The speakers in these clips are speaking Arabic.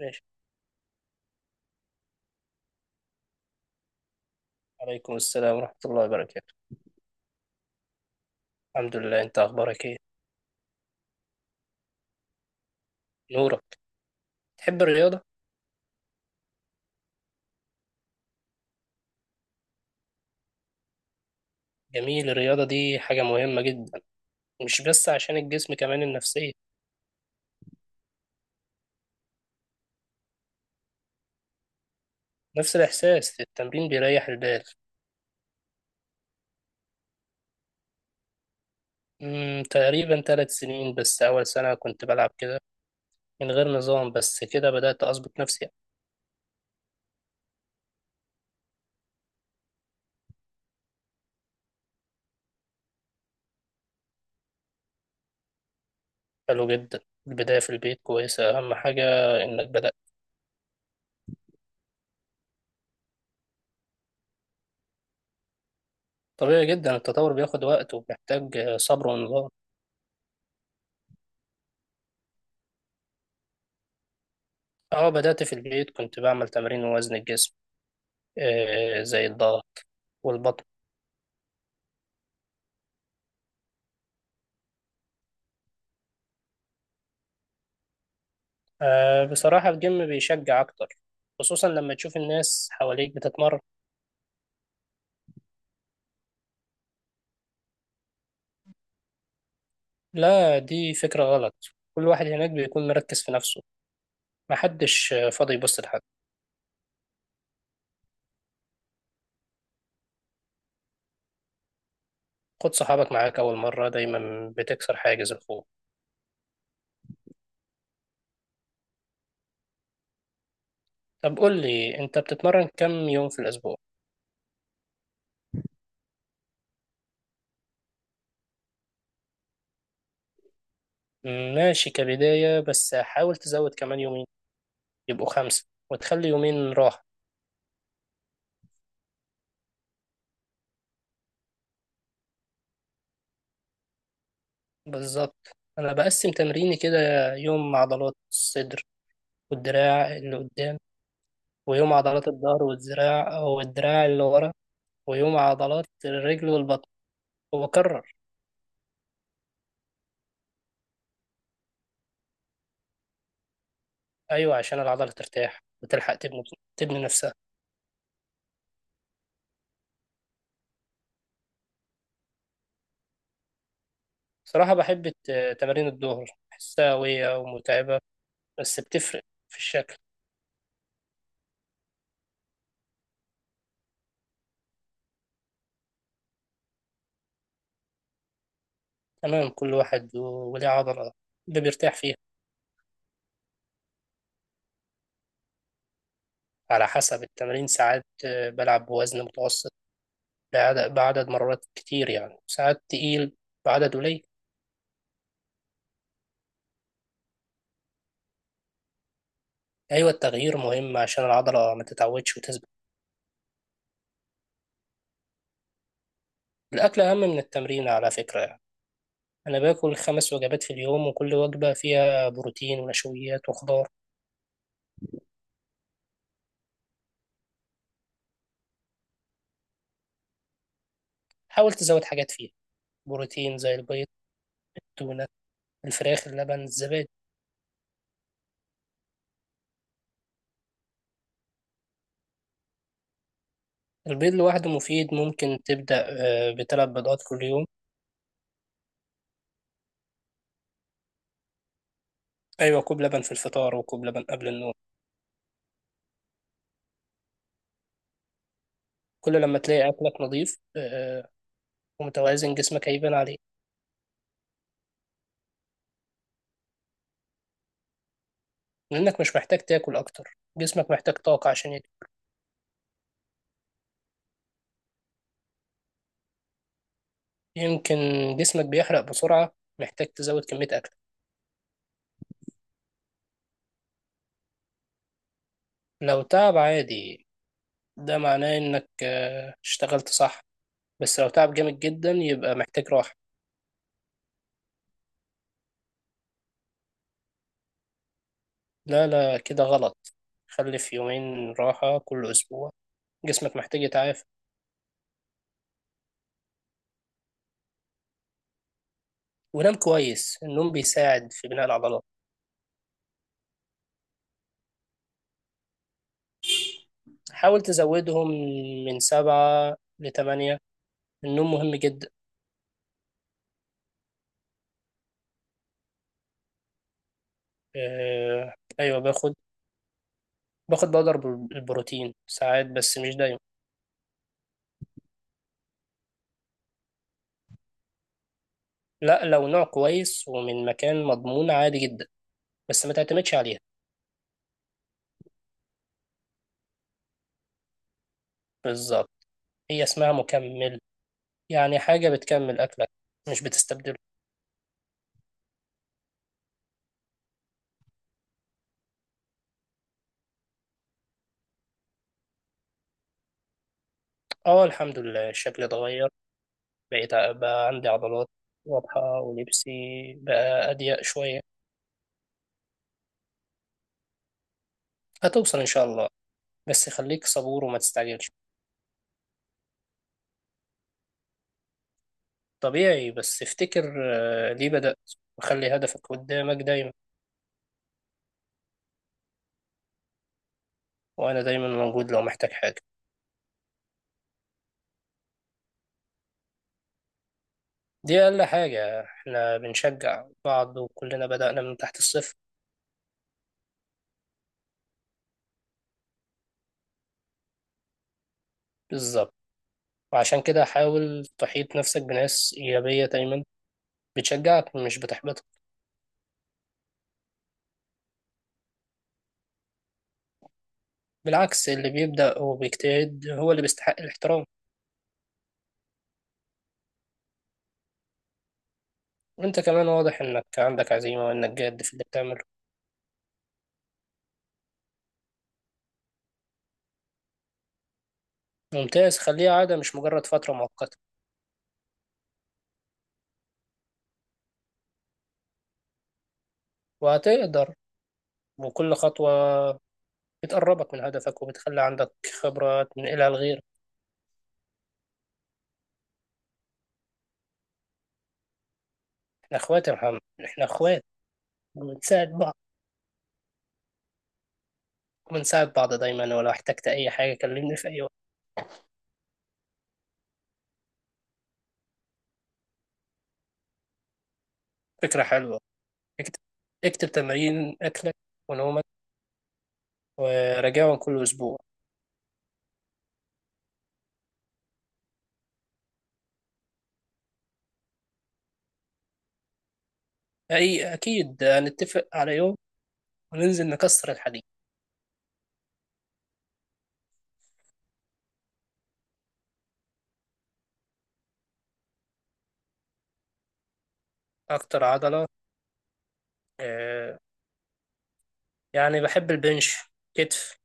ماشي. عليكم السلام ورحمة الله وبركاته. الحمد لله، انت اخبارك ايه؟ نورك. تحب الرياضة؟ جميل، الرياضة دي حاجة مهمة جدا، مش بس عشان الجسم، كمان النفسية. نفس الاحساس، التمرين بيريح البال. تقريبا 3 سنين، بس اول سنة كنت بلعب كده من غير نظام، بس كده بدأت اظبط نفسي. حلو جدا، البداية في البيت كويسة، اهم حاجة انك بدأت. طبيعي جدا، التطور بياخد وقت وبيحتاج صبر ونظام. اه، بدأت في البيت كنت بعمل تمرين وزن الجسم، زي الضغط والبطن. أه، بصراحة الجيم بيشجع أكتر، خصوصا لما تشوف الناس حواليك بتتمرن. لا، دي فكرة غلط، كل واحد هناك بيكون مركز في نفسه، محدش فاضي يبص لحد. خد صحابك معاك، أول مرة دايما بتكسر حاجز الخوف. طب قول لي، أنت بتتمرن كم يوم في الأسبوع؟ ماشي كبداية، بس حاول تزود كمان يومين، يبقوا 5 وتخلي يومين راحة. بالظبط، أنا بقسم تمريني كده: يوم عضلات الصدر والدراع اللي قدام، ويوم عضلات الظهر والذراع والدراع اللي ورا، ويوم عضلات الرجل والبطن، وبكرر. أيوة، عشان العضلة ترتاح وتلحق تبني نفسها. صراحة بحب تمارين الظهر، بحسها قوية ومتعبة، بس بتفرق في الشكل. تمام، كل واحد وليه عضلة اللي بيرتاح فيها. على حسب التمارين، ساعات بلعب بوزن متوسط بعدد مرات كتير، يعني ساعات تقيل بعدد قليل. أيوة، التغيير مهم عشان العضلة ما تتعودش وتثبت. الأكل أهم من التمرين على فكرة يعني. أنا باكل 5 وجبات في اليوم، وكل وجبة فيها بروتين ونشويات وخضار. حاول تزود حاجات فيها بروتين، زي البيض، التونة، الفراخ، اللبن، الزبادي. البيض لوحده مفيد، ممكن تبدأ ب3 بيضات كل يوم. أيوة، كوب لبن في الفطار وكوب لبن قبل النوم. كل لما تلاقي أكلك نظيف ومتوازن، جسمك هيبان عليه. لأنك مش محتاج تاكل أكتر، جسمك محتاج طاقة عشان يمكن جسمك بيحرق بسرعة، محتاج تزود كمية أكل. لو تعب عادي، ده معناه انك اشتغلت صح، بس لو تعب جامد جدا يبقى محتاج راحة. لا لا، كده غلط، خلي في يومين راحة كل أسبوع، جسمك محتاج يتعافى. ونام كويس، النوم بيساعد في بناء العضلات، حاول تزودهم من 7 لـ 8، النوم مهم جدا. آه، أيوة باخد، باخد بودر البروتين ساعات، بس مش دايما. لا، لو نوع كويس ومن مكان مضمون عادي جدا، بس ما تعتمدش عليها. بالظبط، هي اسمها مكمل، يعني حاجة بتكمل أكلك مش بتستبدله. اه، الحمد لله شكلي اتغير، بقى عندي عضلات واضحة، ولبسي بقى أضيق شوية. هتوصل إن شاء الله، بس خليك صبور وما تستعجلش. طبيعي، بس افتكر ليه بدأت، وخلي هدفك قدامك دايما. وأنا دايما موجود لو محتاج حاجة. دي أقل حاجة، احنا بنشجع بعض وكلنا بدأنا من تحت الصفر. بالظبط، وعشان كده حاول تحيط نفسك بناس إيجابية دايما، بتشجعك مش بتحبطك. بالعكس، اللي بيبدأ وبيجتهد هو اللي بيستحق الاحترام. وانت كمان واضح انك عندك عزيمة، وانك جاد في اللي بتعمله. ممتاز، خليها عادة مش مجرد فترة مؤقتة. وهتقدر، وكل خطوة بتقربك من هدفك وبتخلي عندك خبرة تنقلها لغيرك. احنا اخوات يا محمد، احنا اخوات، وبنساعد بعض، وبنساعد بعض دايما، ولو احتجت اي حاجة كلمني في اي وقت. فكرة حلوة، اكتب، اكتب تمارين اكلك ونومك، وراجعهم كل اسبوع. اي، اكيد هنتفق على يوم وننزل نكسر الحديد. اكتر عضلة آه، يعني بحب البنش، كتف.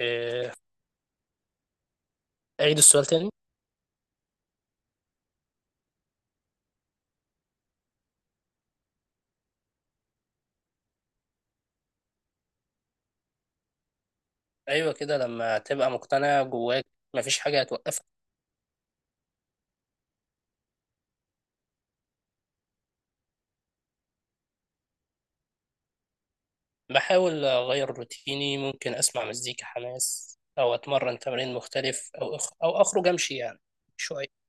آه، اعيد السؤال تاني. ايوه كده، لما تبقى مقتنع جواك مفيش حاجة هتوقفك. بحاول اغير روتيني، ممكن اسمع مزيكا حماس او اتمرن تمرين مختلف او اخرج امشي يعني شوية.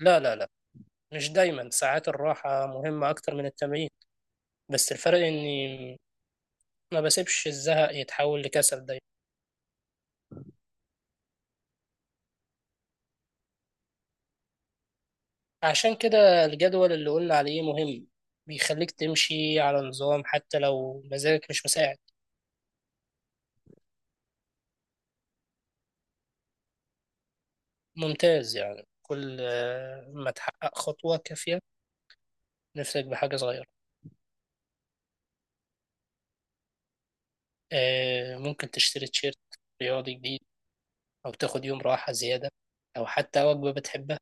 لا لا لا، مش دايما، ساعات الراحة مهمة اكتر من التمرين، بس الفرق اني ما بسيبش الزهق يتحول لكسل دايما. عشان كده الجدول اللي قلنا عليه مهم، بيخليك تمشي على نظام حتى لو مزاجك مش مساعد. ممتاز، يعني كل ما تحقق خطوة كافية نفسك بحاجة صغيرة. ممكن تشتري تيشيرت رياضي جديد، أو تاخد يوم راحة زيادة، أو حتى وجبة بتحبها.